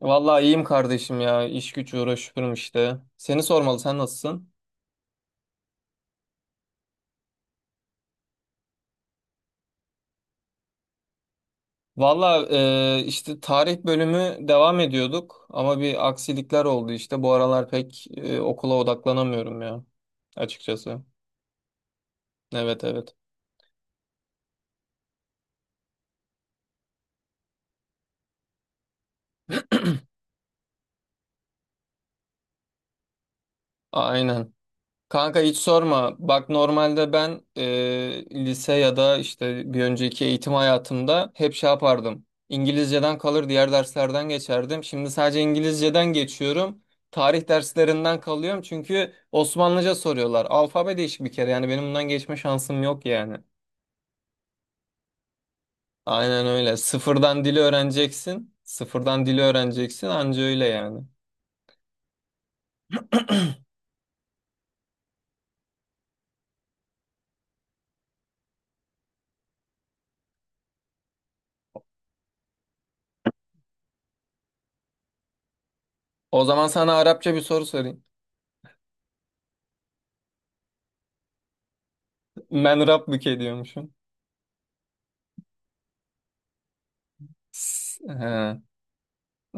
Vallahi iyiyim kardeşim ya. İş güç uğraşıyorum işte. Seni sormalı, sen nasılsın? Vallahi işte tarih bölümü devam ediyorduk ama bir aksilikler oldu işte. Bu aralar pek okula odaklanamıyorum ya açıkçası. Evet, evet. Aynen. Kanka hiç sorma. Bak normalde ben lise ya da işte bir önceki eğitim hayatımda hep şey yapardım. İngilizceden kalır diğer derslerden geçerdim. Şimdi sadece İngilizceden geçiyorum. Tarih derslerinden kalıyorum çünkü Osmanlıca soruyorlar. Alfabe değişik bir kere yani benim bundan geçme şansım yok yani. Aynen öyle. Sıfırdan dili öğreneceksin. Sıfırdan dili öğreneceksin anca öyle yani. O zaman sana Arapça bir soru sorayım. Ben Rabbike diyormuşum. He.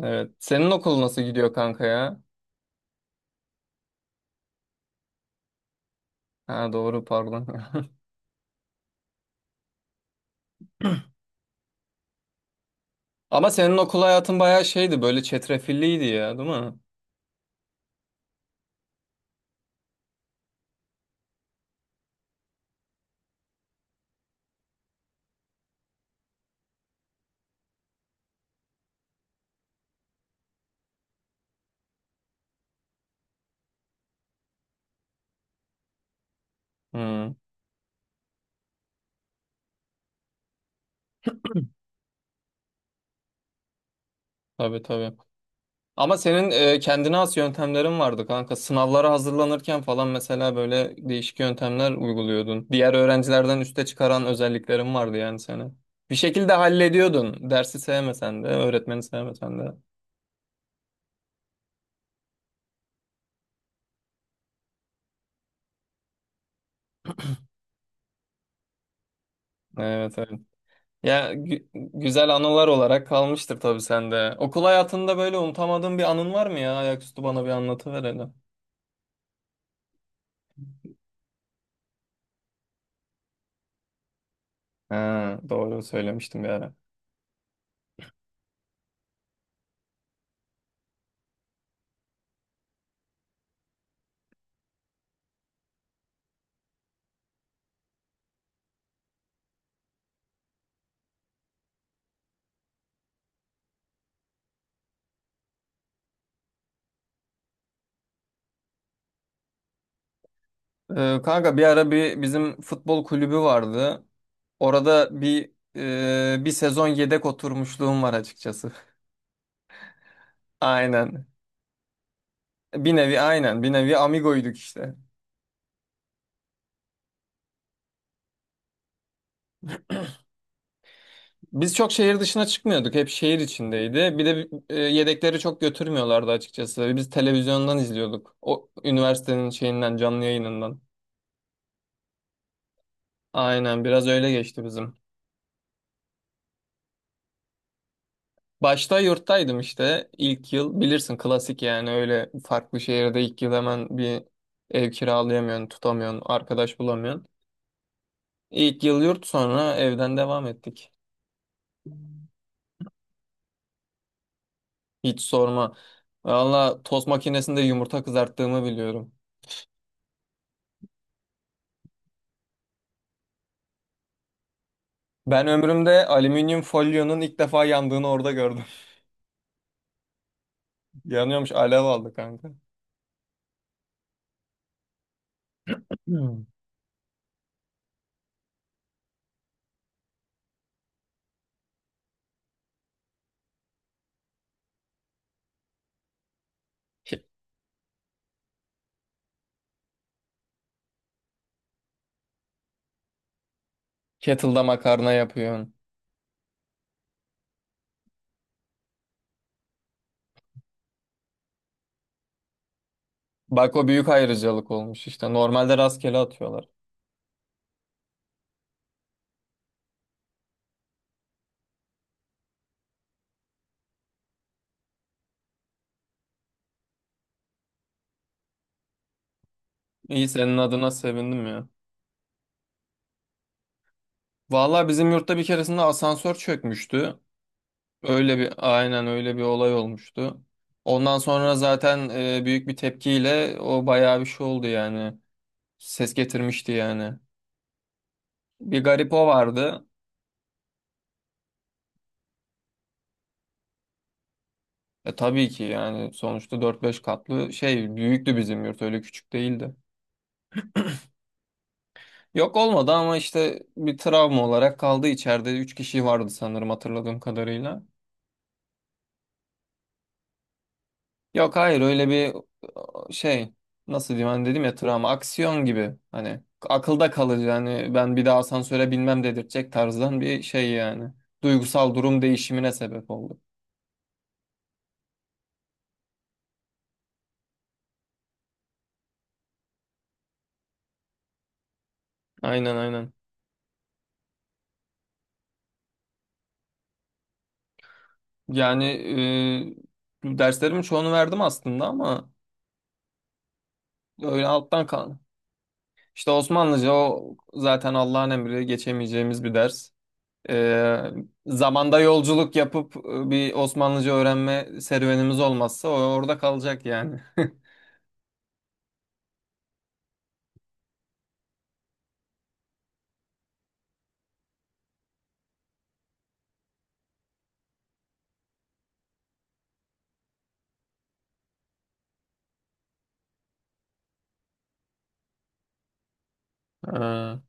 Evet. Senin okul nasıl gidiyor kanka ya? Ha, doğru pardon. Ama senin okul hayatın bayağı şeydi, böyle çetrefilliydi ya, değil mi? Hı, tabii, tabii. Ama senin kendine has yöntemlerin vardı kanka. Sınavlara hazırlanırken falan mesela böyle değişik yöntemler uyguluyordun. Diğer öğrencilerden üste çıkaran özelliklerin vardı yani seni. Bir şekilde hallediyordun. Dersi sevmesen de, öğretmeni sevmesen de. Evet, evet. Ya, güzel anılar olarak kalmıştır tabii sende. Okul hayatında böyle unutamadığın bir anın var mı ya? Ayaküstü bana bir anlatıver hele. Ha, doğru söylemiştim bir ara. Kanka bir ara bir bizim futbol kulübü vardı. Orada bir sezon yedek oturmuşluğum var açıkçası. Aynen. Bir nevi, aynen, bir nevi amigoyduk işte. Biz çok şehir dışına çıkmıyorduk. Hep şehir içindeydi. Bir de yedekleri çok götürmüyorlardı açıkçası. Biz televizyondan izliyorduk. O üniversitenin şeyinden, canlı yayınından. Aynen, biraz öyle geçti bizim. Başta yurttaydım işte ilk yıl. Bilirsin klasik yani, öyle farklı şehirde ilk yıl hemen bir ev kiralayamıyorsun, tutamıyorsun, arkadaş bulamıyorsun. İlk yıl yurt, sonra evden devam ettik. Hiç sorma. Valla tost makinesinde yumurta kızarttığımı biliyorum. Ben ömrümde alüminyum folyonun ilk defa yandığını orada gördüm. Yanıyormuş, alev aldı kanka. Hmm. Ke- Kettle'da makarna yapıyorsun. Bak, o büyük ayrıcalık olmuş işte. Normalde rastgele atıyorlar. İyi, senin adına sevindim ya. Vallahi bizim yurtta bir keresinde asansör çökmüştü. Öyle bir aynen öyle bir olay olmuştu. Ondan sonra zaten büyük bir tepkiyle o bayağı bir şey oldu yani. Ses getirmişti yani. Bir garip o vardı. E tabii ki, yani sonuçta dört beş katlı şey, büyüktü bizim yurt, öyle küçük değildi. Yok, olmadı ama işte bir travma olarak kaldı, içeride 3 kişi vardı sanırım hatırladığım kadarıyla. Yok, hayır, öyle bir şey, nasıl diyeyim, hani dedim ya, travma aksiyon gibi, hani akılda kalıcı, hani ben bir daha asansöre binmem dedirtecek tarzdan bir şey yani. Duygusal durum değişimine sebep oldu. Aynen, aynen. Yani derslerimin çoğunu verdim aslında ama öyle alttan kal. İşte Osmanlıca, o zaten Allah'ın emri, geçemeyeceğimiz bir ders. Ee, zamanda yolculuk yapıp bir Osmanlıca öğrenme serüvenimiz olmazsa o orada kalacak yani. Ee,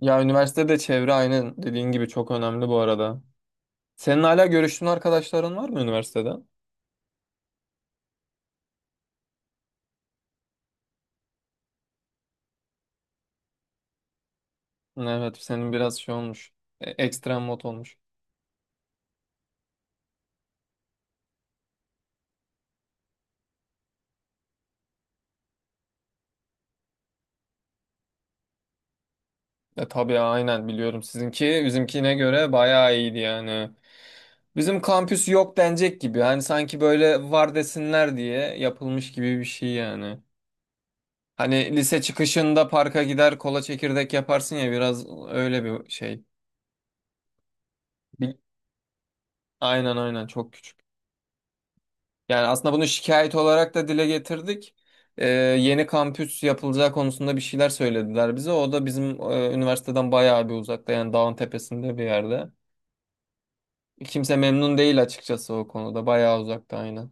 ya, üniversitede çevre, aynı dediğin gibi, çok önemli bu arada. Senin hala görüştüğün arkadaşların var mı üniversitede? Evet, senin biraz şey olmuş. Ekstrem mod olmuş. Tabii aynen, biliyorum, sizinki bizimkine göre bayağı iyiydi yani. Bizim kampüs yok denecek gibi. Hani sanki böyle var desinler diye yapılmış gibi bir şey yani. Hani lise çıkışında parka gider kola çekirdek yaparsın ya, biraz öyle bir şey. Bir- Aynen, aynen, çok küçük. Yani aslında bunu şikayet olarak da dile getirdik. Ee, Yeni kampüs yapılacağı konusunda bir şeyler söylediler bize. O da bizim üniversiteden bayağı bir uzakta, yani dağın tepesinde bir yerde. Kimse memnun değil açıkçası o konuda. Bayağı uzakta, aynen.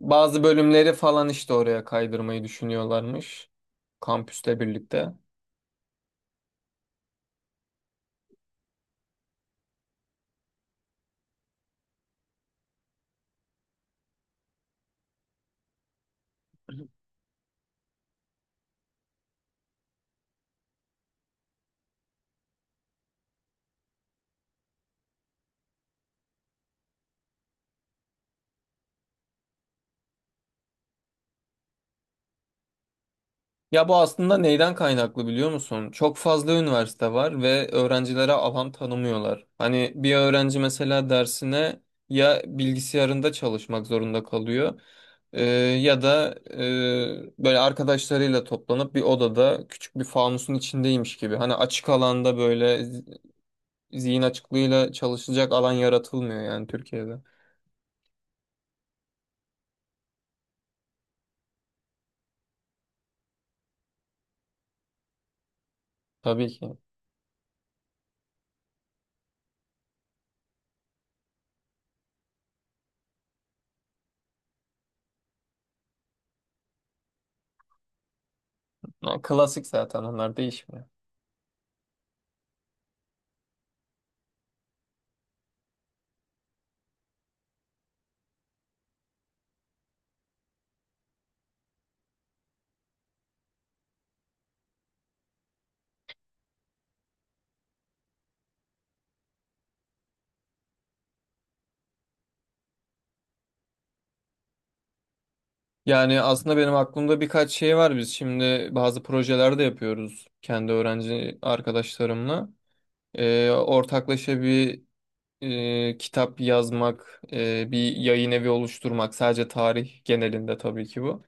Bazı bölümleri falan işte oraya kaydırmayı düşünüyorlarmış. Kampüste birlikte. Ya bu aslında neyden kaynaklı biliyor musun? Çok fazla üniversite var ve öğrencilere alan tanımıyorlar. Hani bir öğrenci mesela dersine ya bilgisayarında çalışmak zorunda kalıyor, e, ya da böyle arkadaşlarıyla toplanıp bir odada küçük bir fanusun içindeymiş gibi. Hani açık alanda böyle zihin açıklığıyla çalışacak alan yaratılmıyor yani Türkiye'de. Tabii ki. Ya klasik, zaten onlar değişmiyor. Yani aslında benim aklımda birkaç şey var. Biz şimdi bazı projeler de yapıyoruz kendi öğrenci arkadaşlarımla. Ortaklaşa bir kitap yazmak, bir yayın evi oluşturmak. Sadece tarih genelinde tabii ki bu.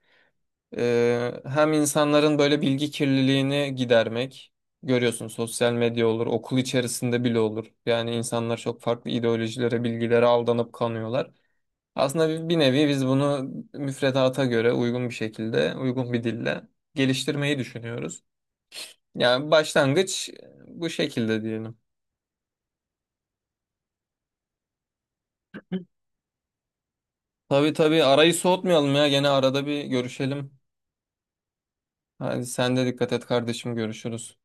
Hem insanların böyle bilgi kirliliğini gidermek. Görüyorsun, sosyal medya olur, okul içerisinde bile olur. Yani insanlar çok farklı ideolojilere, bilgilere aldanıp kanıyorlar. Aslında bir nevi biz bunu müfredata göre uygun bir şekilde, uygun bir dille geliştirmeyi düşünüyoruz. Yani başlangıç bu şekilde diyelim. Tabii, tabii, arayı soğutmayalım ya. Gene arada bir görüşelim. Hadi sen de dikkat et kardeşim, görüşürüz.